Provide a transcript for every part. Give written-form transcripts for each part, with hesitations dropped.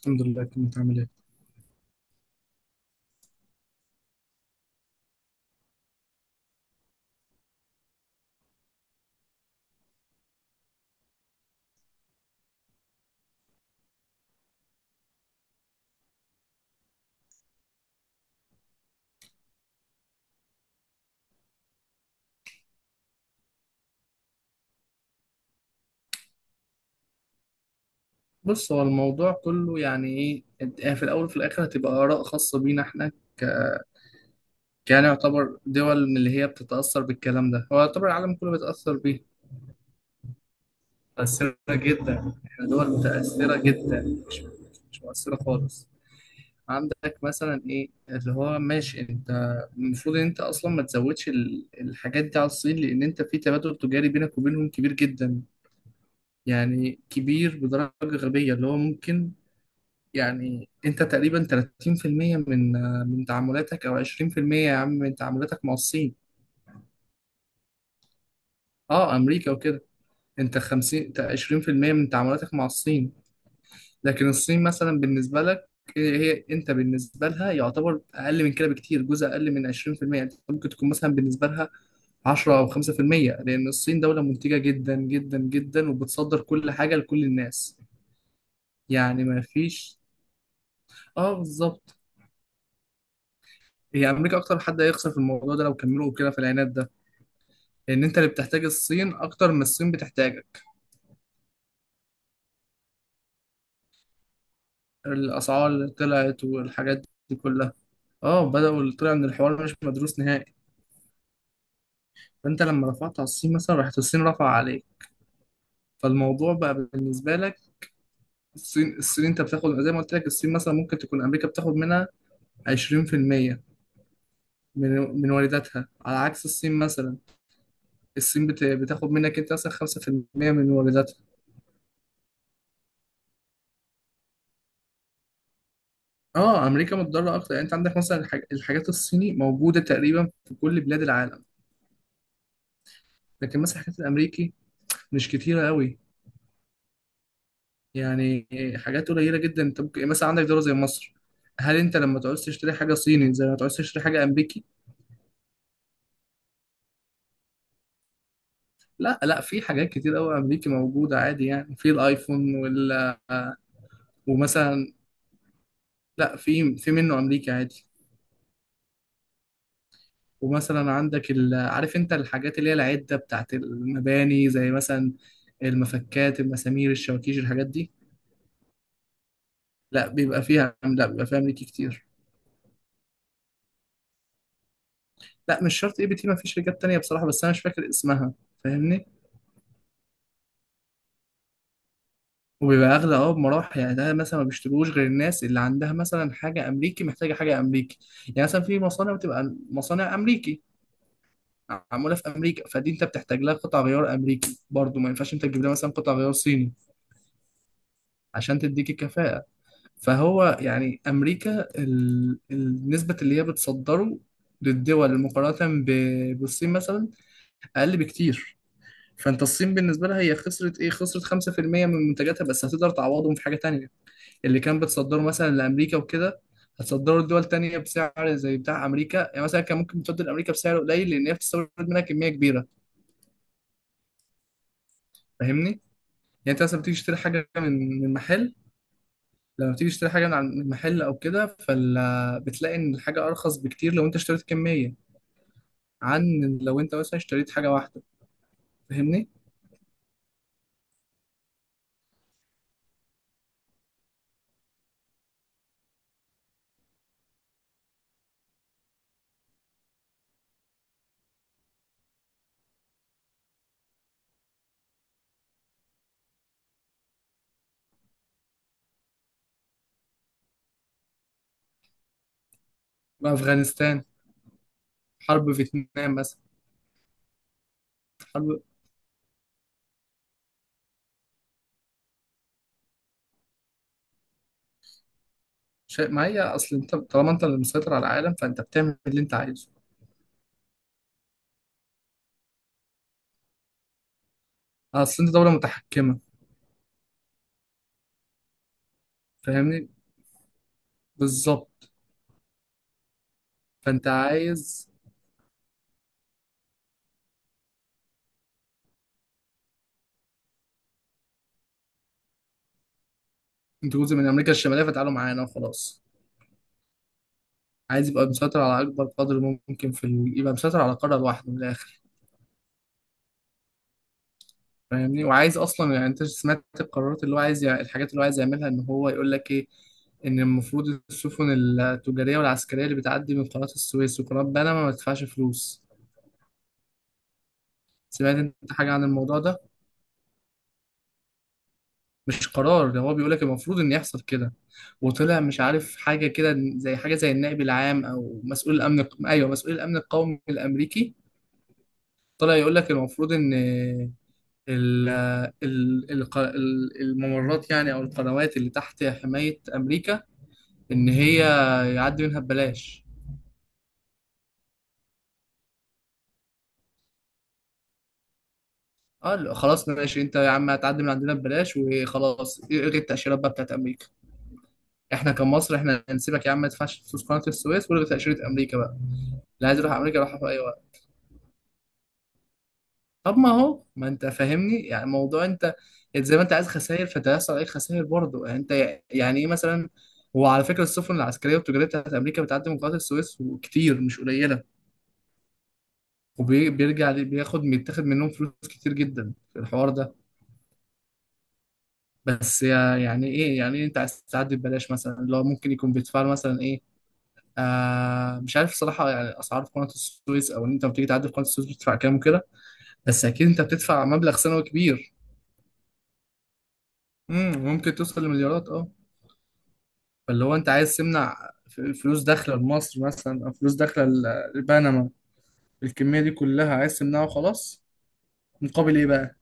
الحمد لله، كنت عامل ايه؟ بص، هو الموضوع كله يعني ايه، يعني في الاول وفي الاخر هتبقى اراء خاصه بينا احنا يعني يعتبر دول من اللي هي بتتاثر بالكلام ده، هو يعتبر العالم كله بيتاثر بيه. متاثره جدا، احنا دول متاثره جدا، مش مؤثره خالص. عندك مثلا ايه اللي هو ماشي. انت المفروض ان انت اصلا ما تزودش الحاجات دي على الصين، لان انت في تبادل تجاري بينك وبينهم كبير جدا، يعني كبير بدرجه غبيه اللي هو ممكن. يعني انت تقريبا 30% من تعاملاتك، او 20% يا عم من تعاملاتك مع الصين. اه، امريكا وكده. انت 50 20% من تعاملاتك مع الصين، لكن الصين مثلا بالنسبه لك، هي انت بالنسبه لها يعتبر اقل من كده بكتير، جزء اقل من 20%. انت ممكن تكون مثلا بالنسبه لها 10 او 5%، لان الصين دوله منتجه جدا جدا جدا وبتصدر كل حاجه لكل الناس. يعني ما فيش. اه، بالظبط. هي امريكا اكتر حد هيخسر في الموضوع ده لو كملوا كده في العناد ده، ان انت اللي بتحتاج الصين اكتر ما الصين بتحتاجك. الاسعار اللي طلعت والحاجات دي كلها، اه بدأوا، اللي طلع ان الحوار مش مدروس نهائي. فانت لما رفعت على الصين مثلا، راحت الصين رفع عليك، فالموضوع بقى بالنسبة لك. الصين، الصين انت بتاخد زي ما قلت لك، الصين مثلا ممكن تكون امريكا بتاخد منها 20% من من وارداتها، على عكس الصين مثلا. الصين بتاخد منك انت مثلا 5% من وارداتها. اه، امريكا متضرره اكتر. يعني انت عندك مثلا الحاجات الصيني موجوده تقريبا في كل بلاد العالم، لكن مثلا الحاجات الامريكي مش كتيرة قوي. يعني حاجات قليلة جدا. انت ممكن مثلا عندك دولة زي مصر، هل انت لما تعوز تشتري حاجة صيني زي ما تعوز تشتري حاجة امريكي؟ لا لا، في حاجات كتير قوي امريكي موجودة عادي، يعني في الايفون وال آه، ومثلا، لا في في منه امريكي عادي. ومثلا عندك عارف انت الحاجات اللي هي العدة بتاعت المباني، زي مثلا المفكات، المسامير، الشواكيش، الحاجات دي. لا بيبقى فيها، لا بيبقى فيها امريكي كتير. لا مش شرط اي بي تي، ما فيش رجال تانية بصراحة بس انا مش فاكر اسمها. فاهمني. وبيبقى اغلى اه، بمراحل. يعني ده مثلا ما بيشتروش غير الناس اللي عندها مثلا حاجه امريكي محتاجه حاجه امريكي. يعني مثلا في مصانع بتبقى مصانع امريكي معموله في امريكا، فدي انت بتحتاج لها قطع غيار امريكي برضو، ما ينفعش انت تجيب لها مثلا قطع غيار صيني عشان تديك الكفاءه. فهو يعني امريكا النسبه اللي هي بتصدره للدول مقارنه بالصين مثلا، اقل بكتير. فانت الصين بالنسبه لها هي خسرت ايه، خسرت 5% من منتجاتها، بس هتقدر تعوضهم في حاجه تانية. اللي كان بتصدره مثلا لامريكا وكده هتصدره لدول تانية بسعر زي بتاع امريكا. يعني مثلا كان ممكن تصدر لامريكا بسعر قليل لان هي بتستورد منها كميه كبيره. فاهمني؟ يعني انت مثلا بتيجي تشتري حاجه من محل، لما بتيجي تشتري حاجه من من محل او كده، فال بتلاقي ان الحاجه ارخص بكتير لو انت اشتريت كميه، عن لو انت مثلا اشتريت حاجه واحده. فاهمني؟ افغانستان. حرب فيتنام مثلا. حرب شيء ما. هي اصل انت طالما انت اللي مسيطر على العالم فانت بتعمل اللي انت عايزه. اصل انت دوله متحكمه. فاهمني. بالظبط. فانت عايز، انت جزء من امريكا الشماليه، فتعالوا معانا وخلاص. عايز يبقى مسيطر على اكبر قدر ممكن في يبقى مسيطر على قاره لوحده من الاخر. فاهمني. وعايز اصلا، يعني انت سمعت القرارات اللي هو عايز الحاجات اللي هو عايز يعملها، ان هو يقول لك ايه، ان المفروض السفن التجاريه والعسكريه اللي بتعدي من قناه السويس وقناه بنما ما تدفعش فلوس. سمعت انت حاجه عن الموضوع ده؟ مش قرار، ده هو بيقول لك المفروض ان يحصل كده. وطلع مش عارف حاجه كده زي حاجه زي النائب العام او مسؤول الامن، ايوه مسؤول الامن القومي الامريكي، طلع يقول لك المفروض ان ال الممرات، يعني او القنوات اللي تحت حماية امريكا، ان هي يعدي منها ببلاش. اه لا، خلاص ماشي. انت يا عم هتعدي من عندنا ببلاش وخلاص، الغي التأشيرات بقى بتاعت امريكا. احنا كمصر احنا هنسيبك يا عم ما تدفعش فلوس قناة السويس، والغي تأشيرة امريكا بقى، اللي عايز يروح امريكا يروح في اي وقت. طب ما هو، ما انت فاهمني، يعني موضوع انت، انت زي ما انت عايز خسائر فانت هيحصل عليك خسائر برضه، يعني انت يعني ايه مثلا. هو على فكره السفن العسكريه والتجاريه بتاعت امريكا بتعدي من قناه السويس وكتير مش قليله، وبيرجع بياخد، بيتاخد منهم فلوس كتير جدا في الحوار ده. بس يعني ايه، يعني إيه انت عايز تعدي ببلاش مثلا؟ اللي هو ممكن يكون بيدفع له مثلا ايه؟ مش عارف الصراحه يعني اسعار في قناه السويس، او ان انت لما بتيجي تعدي في قناه السويس بتدفع كام وكده، بس اكيد انت بتدفع مبلغ سنوي كبير. ممكن توصل لمليارات، اه. فاللي هو انت عايز تمنع فلوس داخله لمصر مثلا، او فلوس داخله لبنما، الكميه دي كلها عايز تمنعها وخلاص. مقابل ايه بقى؟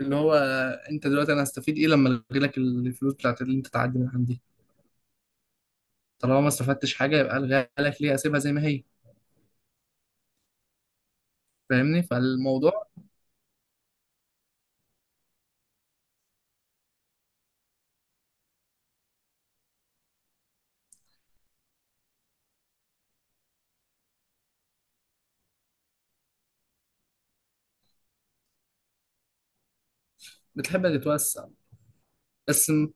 اللي هو انت دلوقتي، انا هستفيد ايه لما الغي لك الفلوس بتاعت اللي انت تعدي من عندي؟ طالما ما استفدتش حاجه، يبقى الغيها لك ليه، اسيبها زي ما هي. فاهمني؟ فالموضوع، بتحب تتوسع. بس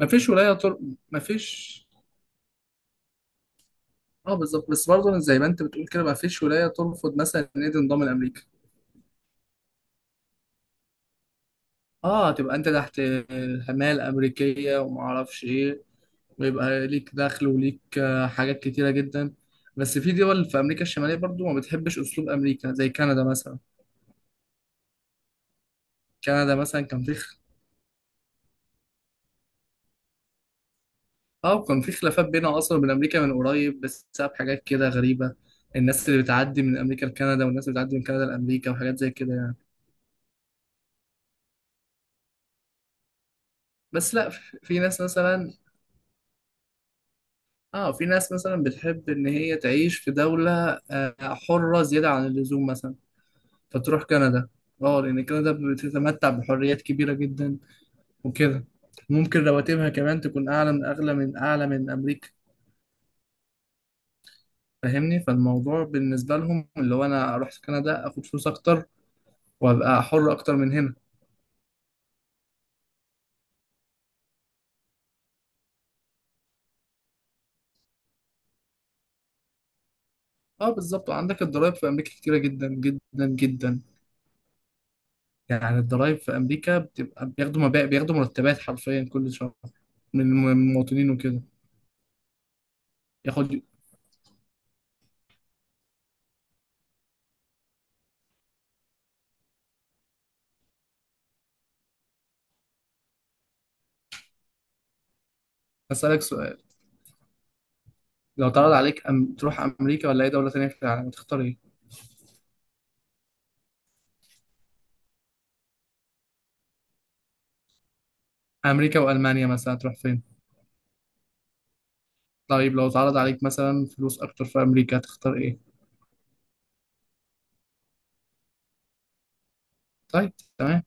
مفيش ولايه مفيش. اه بالظبط، بس برضه زي ما انت بتقول كده، مفيش ولايه ترفض مثلا ان هي تنضم لامريكا. اه، تبقى انت تحت حماية الامريكيه وما اعرفش ايه، ويبقى ليك دخل وليك حاجات كتيرة جدا. بس في دول في أمريكا الشمالية برضو ما بتحبش أسلوب أمريكا، زي كندا مثلا. كندا مثلا كان في اه كان في خلافات بينها أصلا وبين أمريكا من قريب بسبب حاجات كده غريبة. الناس اللي بتعدي من أمريكا لكندا والناس اللي بتعدي من كندا لأمريكا وحاجات زي كده يعني. بس لا، في في ناس مثلا، اه في ناس مثلا بتحب إن هي تعيش في دولة حرة زيادة عن اللزوم مثلا، فتروح كندا. اه لأن كندا بتتمتع بحريات كبيرة جدا وكده. ممكن رواتبها كمان تكون أعلى من، أغلى من، أعلى من أمريكا. فاهمني؟ فالموضوع بالنسبة لهم اللي هو أنا أروح كندا أخد فلوس أكتر، وأبقى حر أكتر من هنا. أه بالظبط، وعندك الضرايب في أمريكا كتيرة جدا جدا جدا. يعني الضرايب في أمريكا بتبقى، بياخدوا مبالغ، بياخدوا مرتبات حرفيا كل شهر من من المواطنين وكده. ياخد، أسألك سؤال، لو اتعرض عليك تروح أمريكا ولا أي دولة تانية في العالم، تختار إيه؟ أمريكا وألمانيا مثلا، تروح فين؟ طيب لو اتعرض عليك مثلا فلوس أكتر في أمريكا هتختار إيه؟ طيب، تمام.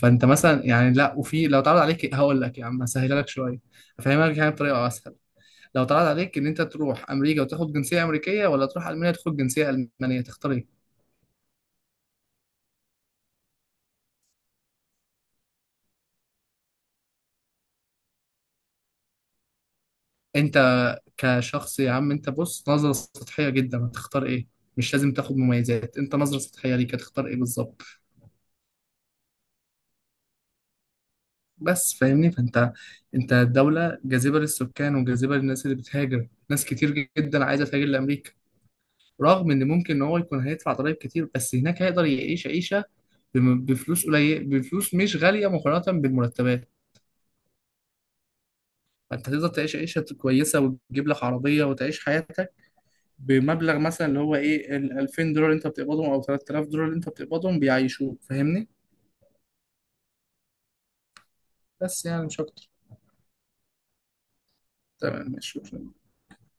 فانت مثلا، يعني لا، وفي لو اتعرض عليك، هقول لك يا عم هسهلها لك شويه، هفهمك يعني بطريقه اسهل. لو اتعرض عليك ان انت تروح امريكا وتاخد جنسيه امريكيه، ولا تروح المانيا تاخد جنسيه المانيه، تختار ايه؟ انت كشخص يا عم، انت بص نظره سطحيه جدا، هتختار ايه؟ مش لازم تاخد مميزات، انت نظره سطحيه ليك هتختار ايه بالظبط؟ بس فاهمني. فانت انت دوله جاذبه للسكان وجاذبه للناس اللي بتهاجر، ناس كتير جدا عايزه تهاجر لامريكا، رغم ان ممكن ان هو يكون هيدفع ضرايب كتير، بس هناك هيقدر يعيش عيشه بفلوس قليل، بفلوس مش غاليه مقارنه بالمرتبات. فانت تقدر تعيش عيشه كويسه وتجيب لك عربيه وتعيش حياتك بمبلغ مثلا اللي هو ايه، ال 2000 دولار اللي انت بتقبضهم او 3000 دولار اللي انت بتقبضهم بيعيشوك. فاهمني؟ بس يعني مش اكتر. تمام، ماشي.